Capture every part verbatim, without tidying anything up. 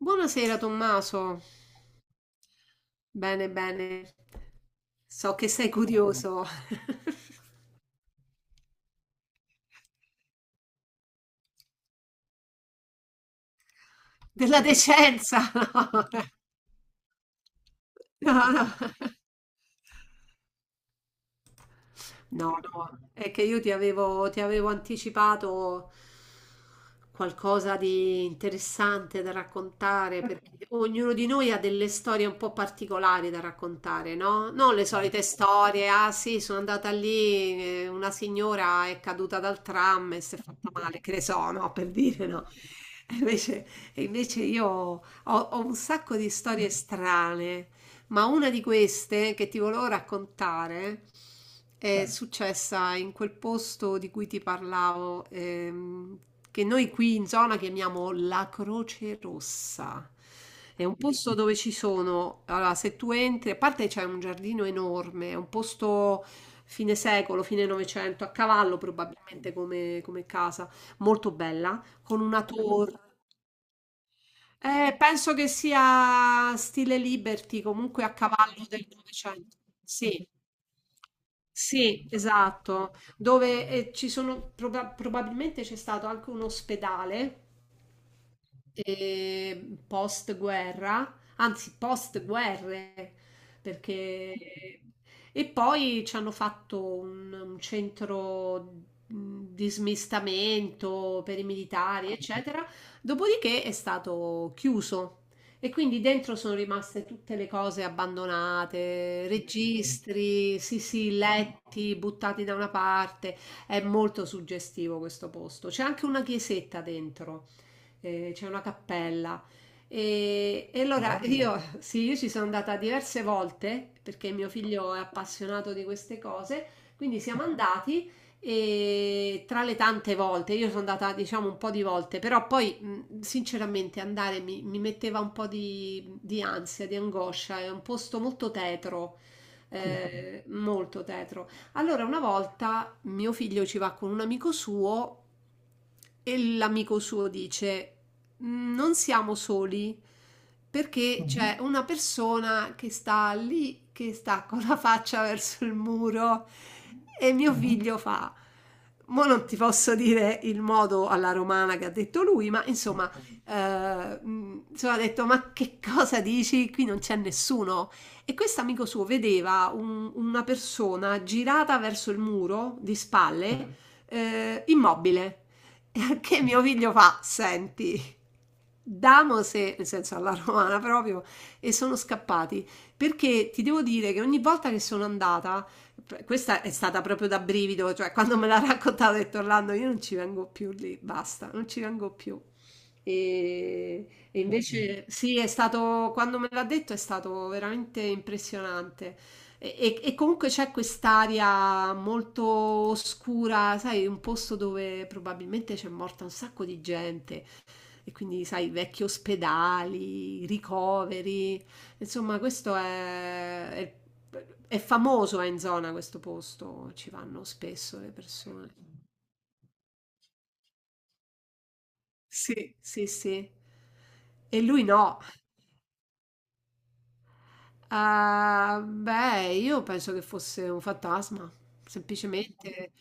Buonasera Tommaso, bene bene, so che sei curioso della decenza. No, no. No, no, è che io ti avevo, ti avevo anticipato qualcosa di interessante da raccontare, perché ognuno di noi ha delle storie un po' particolari da raccontare, no? Non le solite storie, ah sì, sono andata lì, eh, una signora è caduta dal tram e si è fatta male, che ne so, no? Per dire, no? E Invece, e invece io ho, ho un sacco di storie strane, ma una di queste che ti volevo raccontare è Sì. successa in quel posto di cui ti parlavo, ehm, che noi qui in zona chiamiamo la Croce Rossa. È un posto dove ci sono, allora se tu entri, a parte c'è un giardino enorme, è un posto fine secolo, fine Novecento, a cavallo probabilmente come, come casa, molto bella, con una torre. Eh, penso che sia stile Liberty, comunque a cavallo del Novecento. Sì, sì, esatto. Dove eh, ci sono, proba- probabilmente c'è stato anche un ospedale eh, post-guerra, anzi post-guerre, perché... E poi ci hanno fatto un, un centro mh, di smistamento per i militari, eccetera. Dopodiché è stato chiuso. E quindi dentro sono rimaste tutte le cose abbandonate, registri, sì sì, letti buttati da una parte. È molto suggestivo questo posto. C'è anche una chiesetta dentro, eh, c'è una cappella. E, e allora Bello. Io, sì, io ci sono andata diverse volte perché mio figlio è appassionato di queste cose. Quindi siamo andati e tra le tante volte, io sono andata diciamo un po' di volte, però poi mh, sinceramente andare mi, mi metteva un po' di, di ansia, di angoscia, è un posto molto tetro, eh, molto tetro. Allora una volta mio figlio ci va con un amico suo e l'amico suo dice non siamo soli perché Mhm. c'è una persona che sta lì, che sta con la faccia verso il muro e mio Mhm. figlio fa. Mo non ti posso dire il modo alla romana che ha detto lui, ma insomma, eh, mh, insomma, ha detto: Ma che cosa dici? Qui non c'è nessuno. E questo amico suo vedeva un- una persona girata verso il muro di spalle, eh, immobile. E Che mio figlio fa: Senti, Damose, nel senso alla romana proprio, e sono scappati. Perché ti devo dire che ogni volta che sono andata, questa è stata proprio da brivido, cioè quando me l'ha raccontata ho detto Orlando, io non ci vengo più lì, basta, non ci vengo più. E, e invece sì, è stato, quando me l'ha detto è stato veramente impressionante. E, e- e comunque c'è quest'aria molto oscura, sai, un posto dove probabilmente c'è morta un sacco di gente. E quindi, sai, vecchi ospedali, ricoveri. Insomma, questo è, è- è famoso eh, in zona questo posto, ci vanno spesso le persone. Sì, sì, sì. E lui no. Ah, beh, io penso che fosse un fantasma, semplicemente.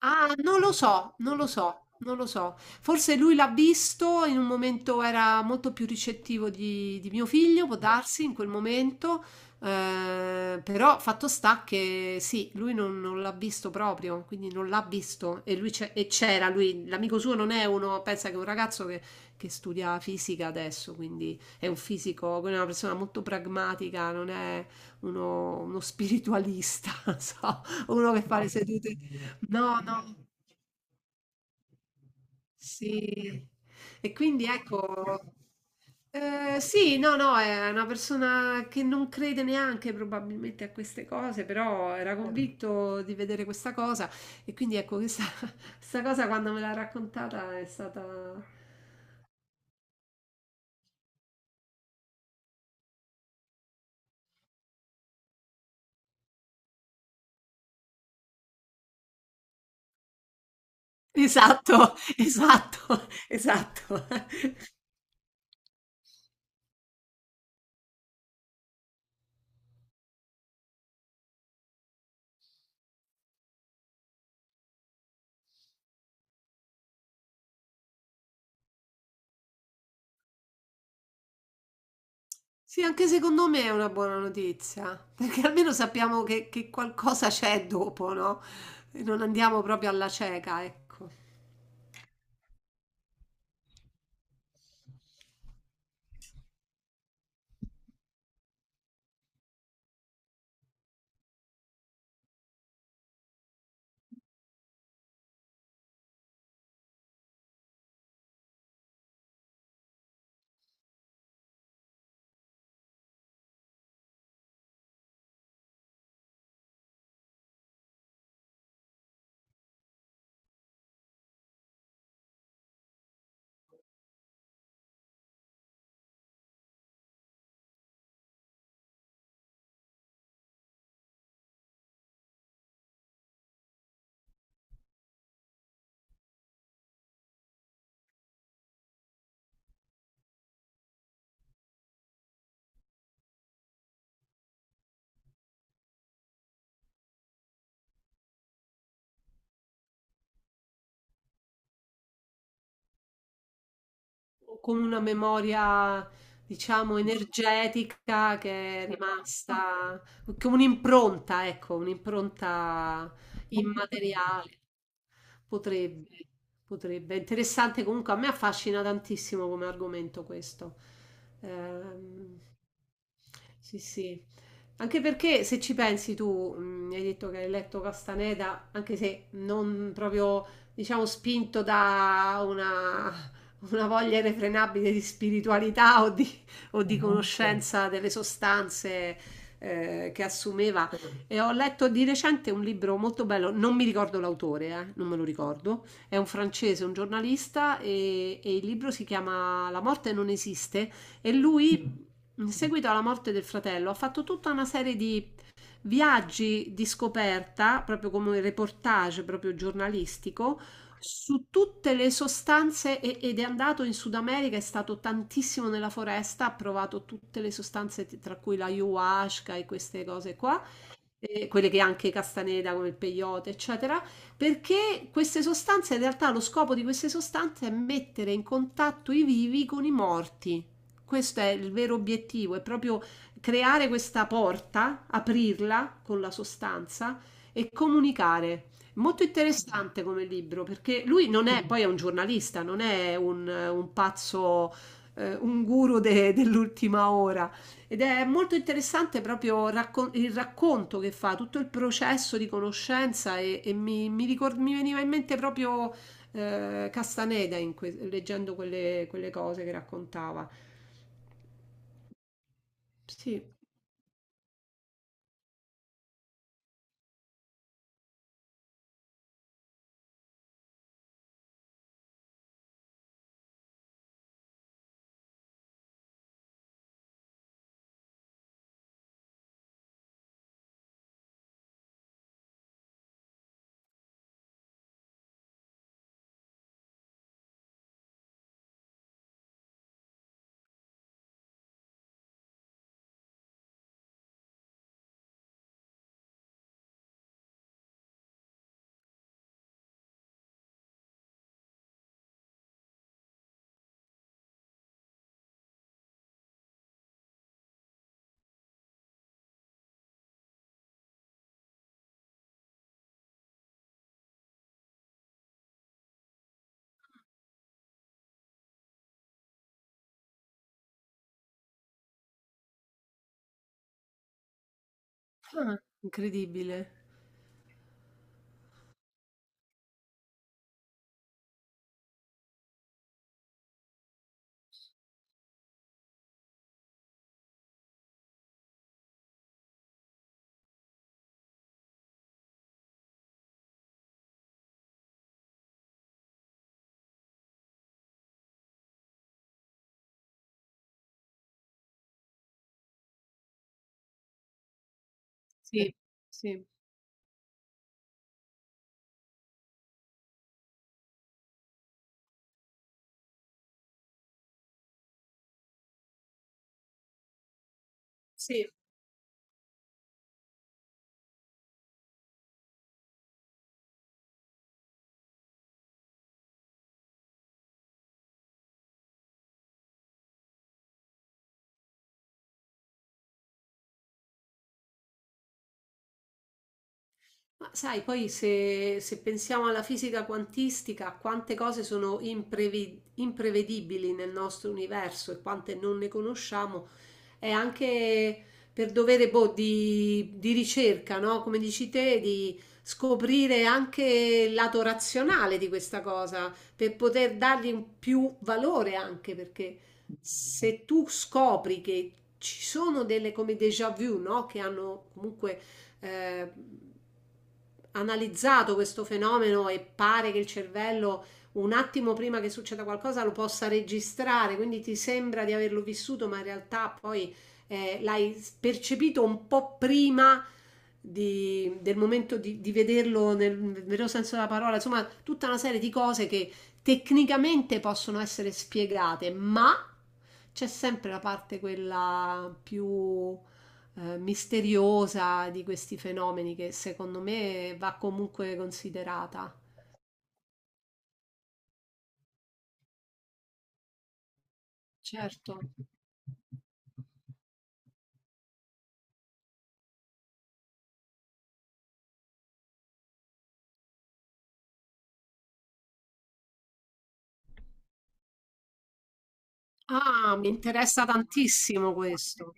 Ah, non lo so, non lo so, non lo so. Forse lui l'ha visto, in un momento era molto più ricettivo di, di mio figlio, può darsi, in quel momento, eh, però fatto sta che sì, lui non, non l'ha visto proprio, quindi non l'ha visto e lui c'è- e c'era, lui, l'amico suo non è uno, pensa che è un ragazzo che, che studia fisica adesso, quindi è un fisico, quindi è una persona molto pragmatica, non è uno, uno spiritualista, so. Uno che fa le sedute no, no, sì. E quindi ecco ehm, sì, no, no, è una persona che non crede neanche probabilmente a queste cose, però era convinto di vedere questa cosa e quindi ecco questa, questa cosa quando me l'ha raccontata è stata... Esatto, esatto, esatto. Sì, anche secondo me è una buona notizia, perché almeno sappiamo che, che qualcosa c'è dopo, no? E non andiamo proprio alla cieca, ecco. O Con una memoria, diciamo, energetica che è rimasta, con un'impronta, ecco, un'impronta immateriale. Potrebbe, potrebbe. Interessante comunque, a me affascina tantissimo come argomento questo. Ehm, sì, sì. Anche perché se ci pensi tu, mh, hai detto che hai letto Castaneda, anche se non proprio, diciamo, spinto da una, una voglia irrefrenabile di spiritualità o di, o di conoscenza delle sostanze eh, che assumeva. E ho letto di recente un libro molto bello, non mi ricordo l'autore, eh, non me lo ricordo, è un francese, un giornalista e, e il libro si chiama La morte non esiste e lui, in seguito alla morte del fratello, ha fatto tutta una serie di viaggi di scoperta, proprio come un reportage proprio giornalistico, su tutte le sostanze e- ed è andato in Sud America, è stato tantissimo nella foresta, ha provato tutte le sostanze tra cui la ayahuasca e queste cose qua eh, quelle che anche Castaneda, come il peyote, eccetera, perché queste sostanze, in realtà lo scopo di queste sostanze è mettere in contatto i vivi con i morti. Questo è il vero obiettivo, è proprio creare questa porta, aprirla con la sostanza e comunicare. Molto interessante come libro, perché lui non è, poi è un giornalista, non è un, un pazzo, eh, un guru de- dell'ultima ora ed è molto interessante proprio raccon- il racconto che fa, tutto il processo di conoscenza e, e mi, mi ricor- mi veniva in mente proprio eh, Castaneda in que- leggendo quelle, quelle cose che raccontava. Sì, Ah, incredibile. Sì, sì. Ma sai, poi se, se pensiamo alla fisica quantistica, quante cose sono imprevi- imprevedibili nel nostro universo e quante non ne conosciamo, è anche per dovere boh, di, di ricerca, no? Come dici te, di scoprire anche il lato razionale di questa cosa, per poter dargli un più valore anche, perché se tu scopri che ci sono delle come déjà vu, no? Che hanno comunque eh, analizzato questo fenomeno e pare che il cervello un attimo prima che succeda qualcosa lo possa registrare, quindi ti sembra di averlo vissuto, ma in realtà poi eh, l'hai percepito un po' prima di- del momento di, di vederlo nel vero senso della parola, insomma, tutta una serie di cose che tecnicamente possono essere spiegate, ma c'è sempre la parte quella più eh, misteriosa di questi fenomeni che secondo me va comunque considerata. Certo. Ah, mi interessa tantissimo questo.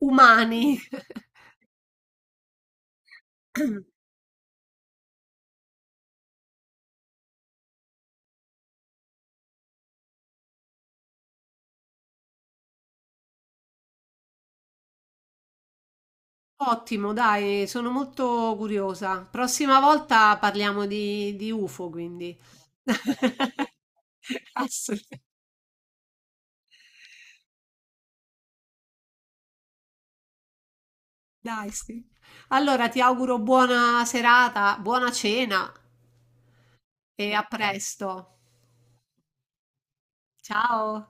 Umani. Ottimo, dai, sono molto curiosa. Prossima volta parliamo di, di UFO, quindi. Assolutamente. Dai, sì. Allora, ti auguro buona serata, buona cena e a presto. Ciao.